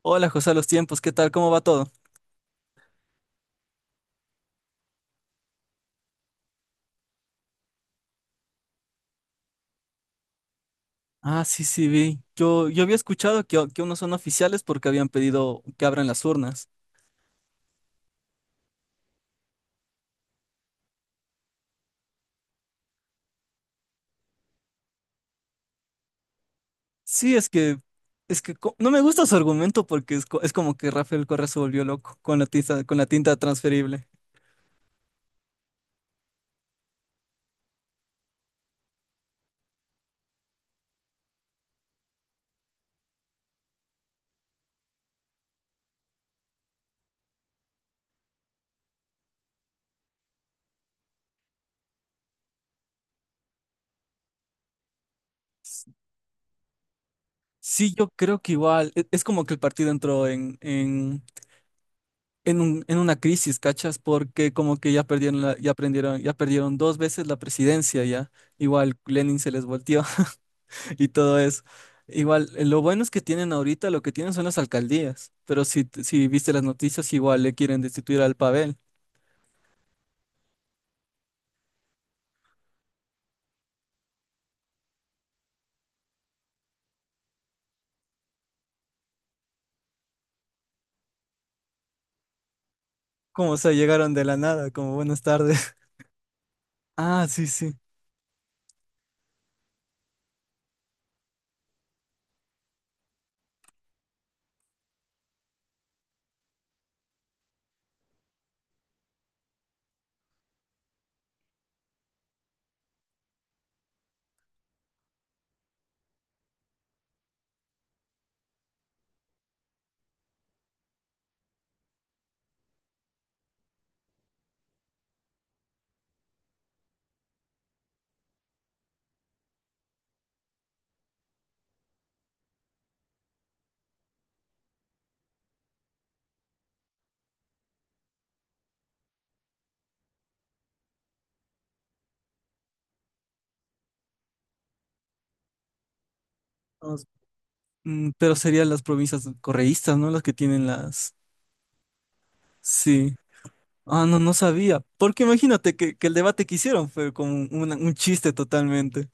Hola José, a los tiempos, ¿qué tal? ¿Cómo va todo? Ah, sí, sí, vi. Yo había escuchado que unos son oficiales porque habían pedido que abran las urnas. Sí, es que, no me gusta su argumento porque es, es como que Rafael Correa se volvió loco con la tinta transferible. Sí, yo creo que igual, es como que el partido entró en una crisis, ¿cachas? Porque como que ya perdieron ya aprendieron, ya perdieron dos veces la presidencia ya. Igual Lenin se les volteó y todo eso. Igual, lo bueno es que tienen ahorita, lo que tienen son las alcaldías, pero si viste las noticias, igual le quieren destituir al Pavel. Como se llegaron de la nada, como buenas tardes. Ah, sí, sí. Vamos. Mm, pero serían las provincias correístas, ¿no? Las que tienen las... Sí. Ah, no, no sabía. Porque imagínate que el debate que hicieron fue como un chiste totalmente,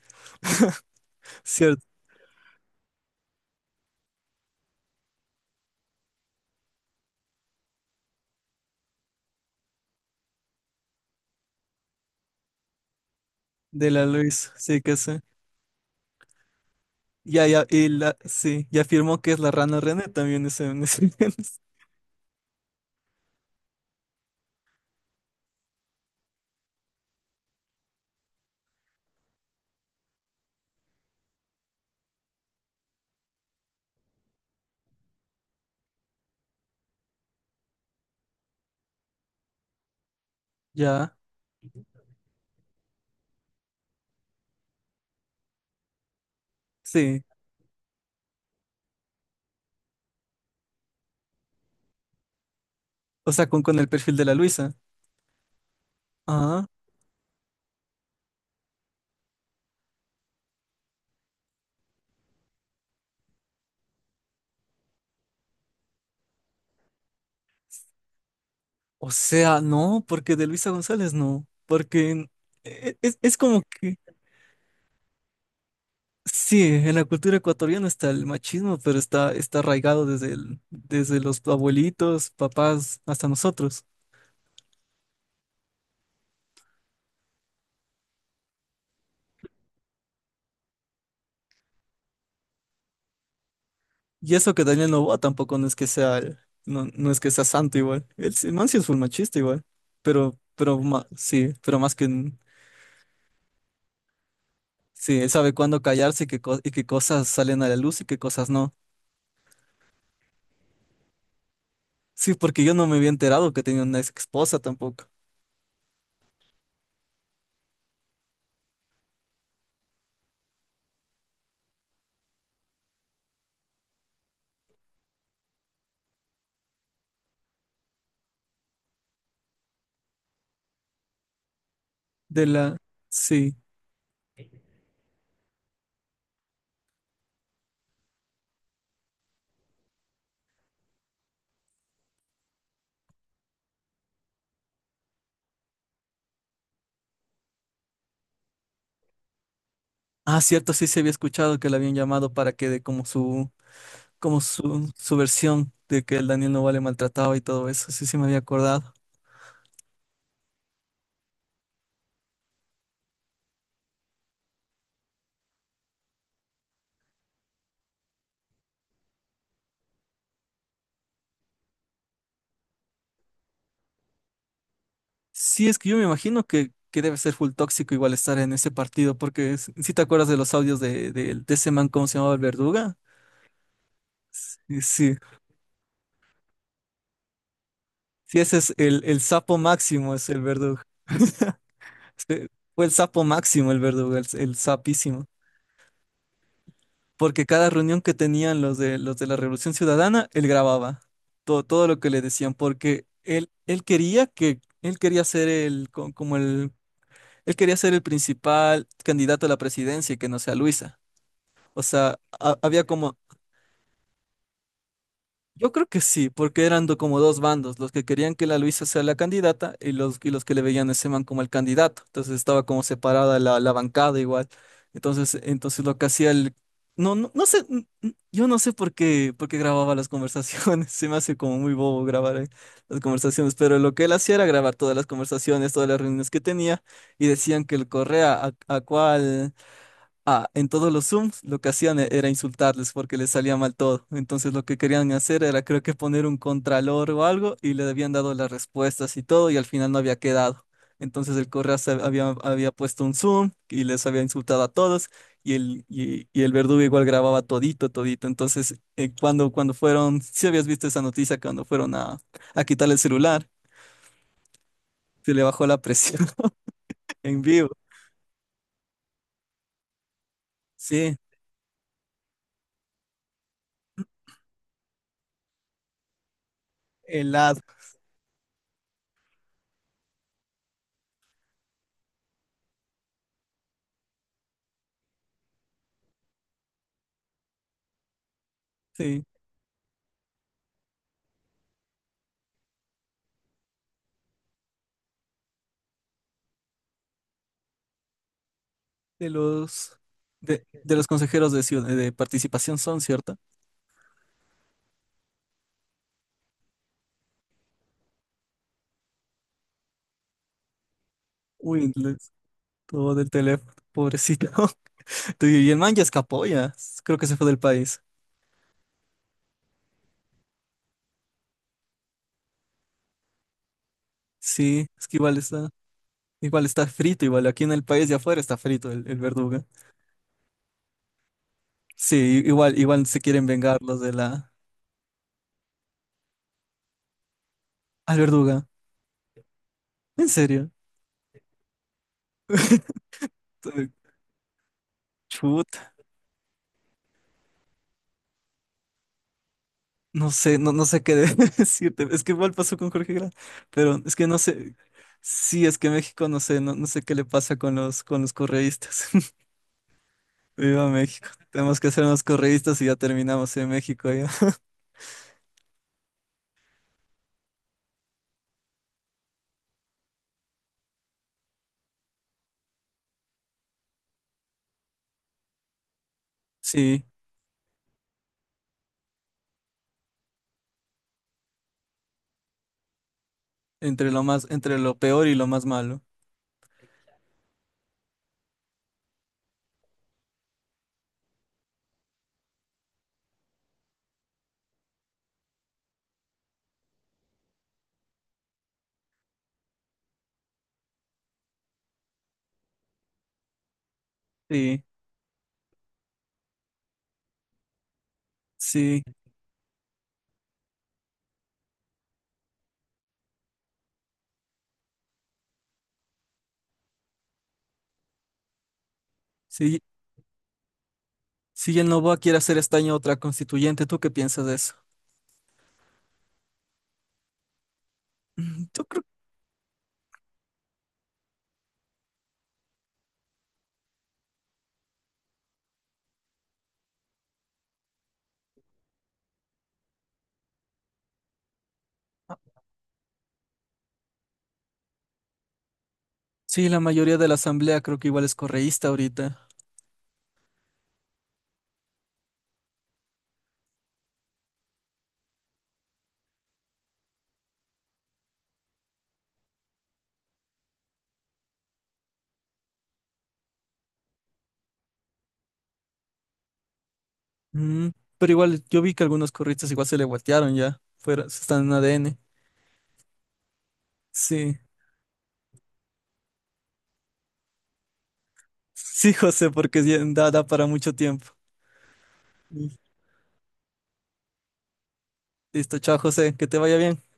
¿cierto? De la Luis, sí que sé. Ya, ya, y la, sí, y afirmó que es la rana René también ese, en ese- Ya. Sí, o sea, con el perfil de la Luisa. Ah, o sea, no, porque de Luisa González no, porque es como que, sí, en la cultura ecuatoriana está el machismo, pero está, está arraigado desde, desde los abuelitos, papás, hasta nosotros. Y eso que Daniel Noboa tampoco no es que sea, no, no es que sea santo igual. El man sí es full machista igual, pero, pero sí, pero más que, sí, él sabe cuándo callarse y qué, y qué cosas salen a la luz y qué cosas no. Sí, porque yo no me había enterado que tenía una ex esposa tampoco. De la... Sí. Ah, cierto, sí se había escuchado que la habían llamado para que dé como su versión de que el Daniel Novoa le maltrataba y todo eso. Sí, sí me había acordado. Sí, es que yo me imagino que debe ser full tóxico igual estar en ese partido, porque si te acuerdas de los audios de ese man, ¿cómo se llamaba el verduga? Sí, sí, sí, ese es el sapo máximo, es el verdugo. Este, fue el sapo máximo el verdugo, el sapísimo. Porque cada reunión que tenían los de la Revolución Ciudadana, él grababa todo, todo lo que le decían, porque él quería que, él quería ser el, como el, él quería ser el principal candidato a la presidencia y que no sea Luisa. O sea, había como, yo creo que sí, porque eran como dos bandos, los que querían que la Luisa sea la candidata y los que le veían a ese man como el candidato. Entonces estaba como separada la, la bancada igual. Entonces, entonces lo que hacía el... No, no, no sé, yo no sé por qué grababa las conversaciones, se me hace como muy bobo grabar las conversaciones, pero lo que él hacía era grabar todas las conversaciones, todas las reuniones que tenía y decían que el Correa a cuál... Ah, en todos los Zooms lo que hacían era insultarles porque les salía mal todo. Entonces lo que querían hacer era creo que poner un contralor o algo y le habían dado las respuestas y todo y al final no había quedado. Entonces el Correas había, había puesto un Zoom y les había insultado a todos y el verdugo igual grababa todito, todito. Entonces cuando, cuando fueron, si habías visto esa noticia, cuando fueron a quitar el celular, se le bajó la presión en vivo. Sí, helado. Sí. De los de los consejeros de, de participación son, ¿cierto? Uy, les- todo del teléfono, pobrecito. Tu- Y el man ya escapó ya, creo que se fue del país. Sí, es que igual está frito, igual aquí en el país de afuera está frito el verduga. Sí, igual, igual se quieren vengar los de la al verduga. ¿En serio? Chuta, no sé, no, no sé qué decirte. Es que igual pasó con Jorge Grau, pero es que no sé. Sí, es que México, no sé, no, no sé qué le pasa con los correístas. Viva México. Tenemos que ser unos correístas y ya terminamos en México ya. Sí, entre lo más, entre lo peor y lo más malo. Sí, sí, sí. Si el Novoa quiere hacer esta año otra constituyente, ¿tú qué piensas de eso? Mm, yo creo, sí, la mayoría de la asamblea creo que igual es correísta ahorita. Mm, pero igual yo vi que algunos curristas igual se le voltearon ya, fuera, están en ADN. Sí, sí, José, porque sí, da, da para mucho tiempo. Sí. Listo, chao, José, que te vaya bien.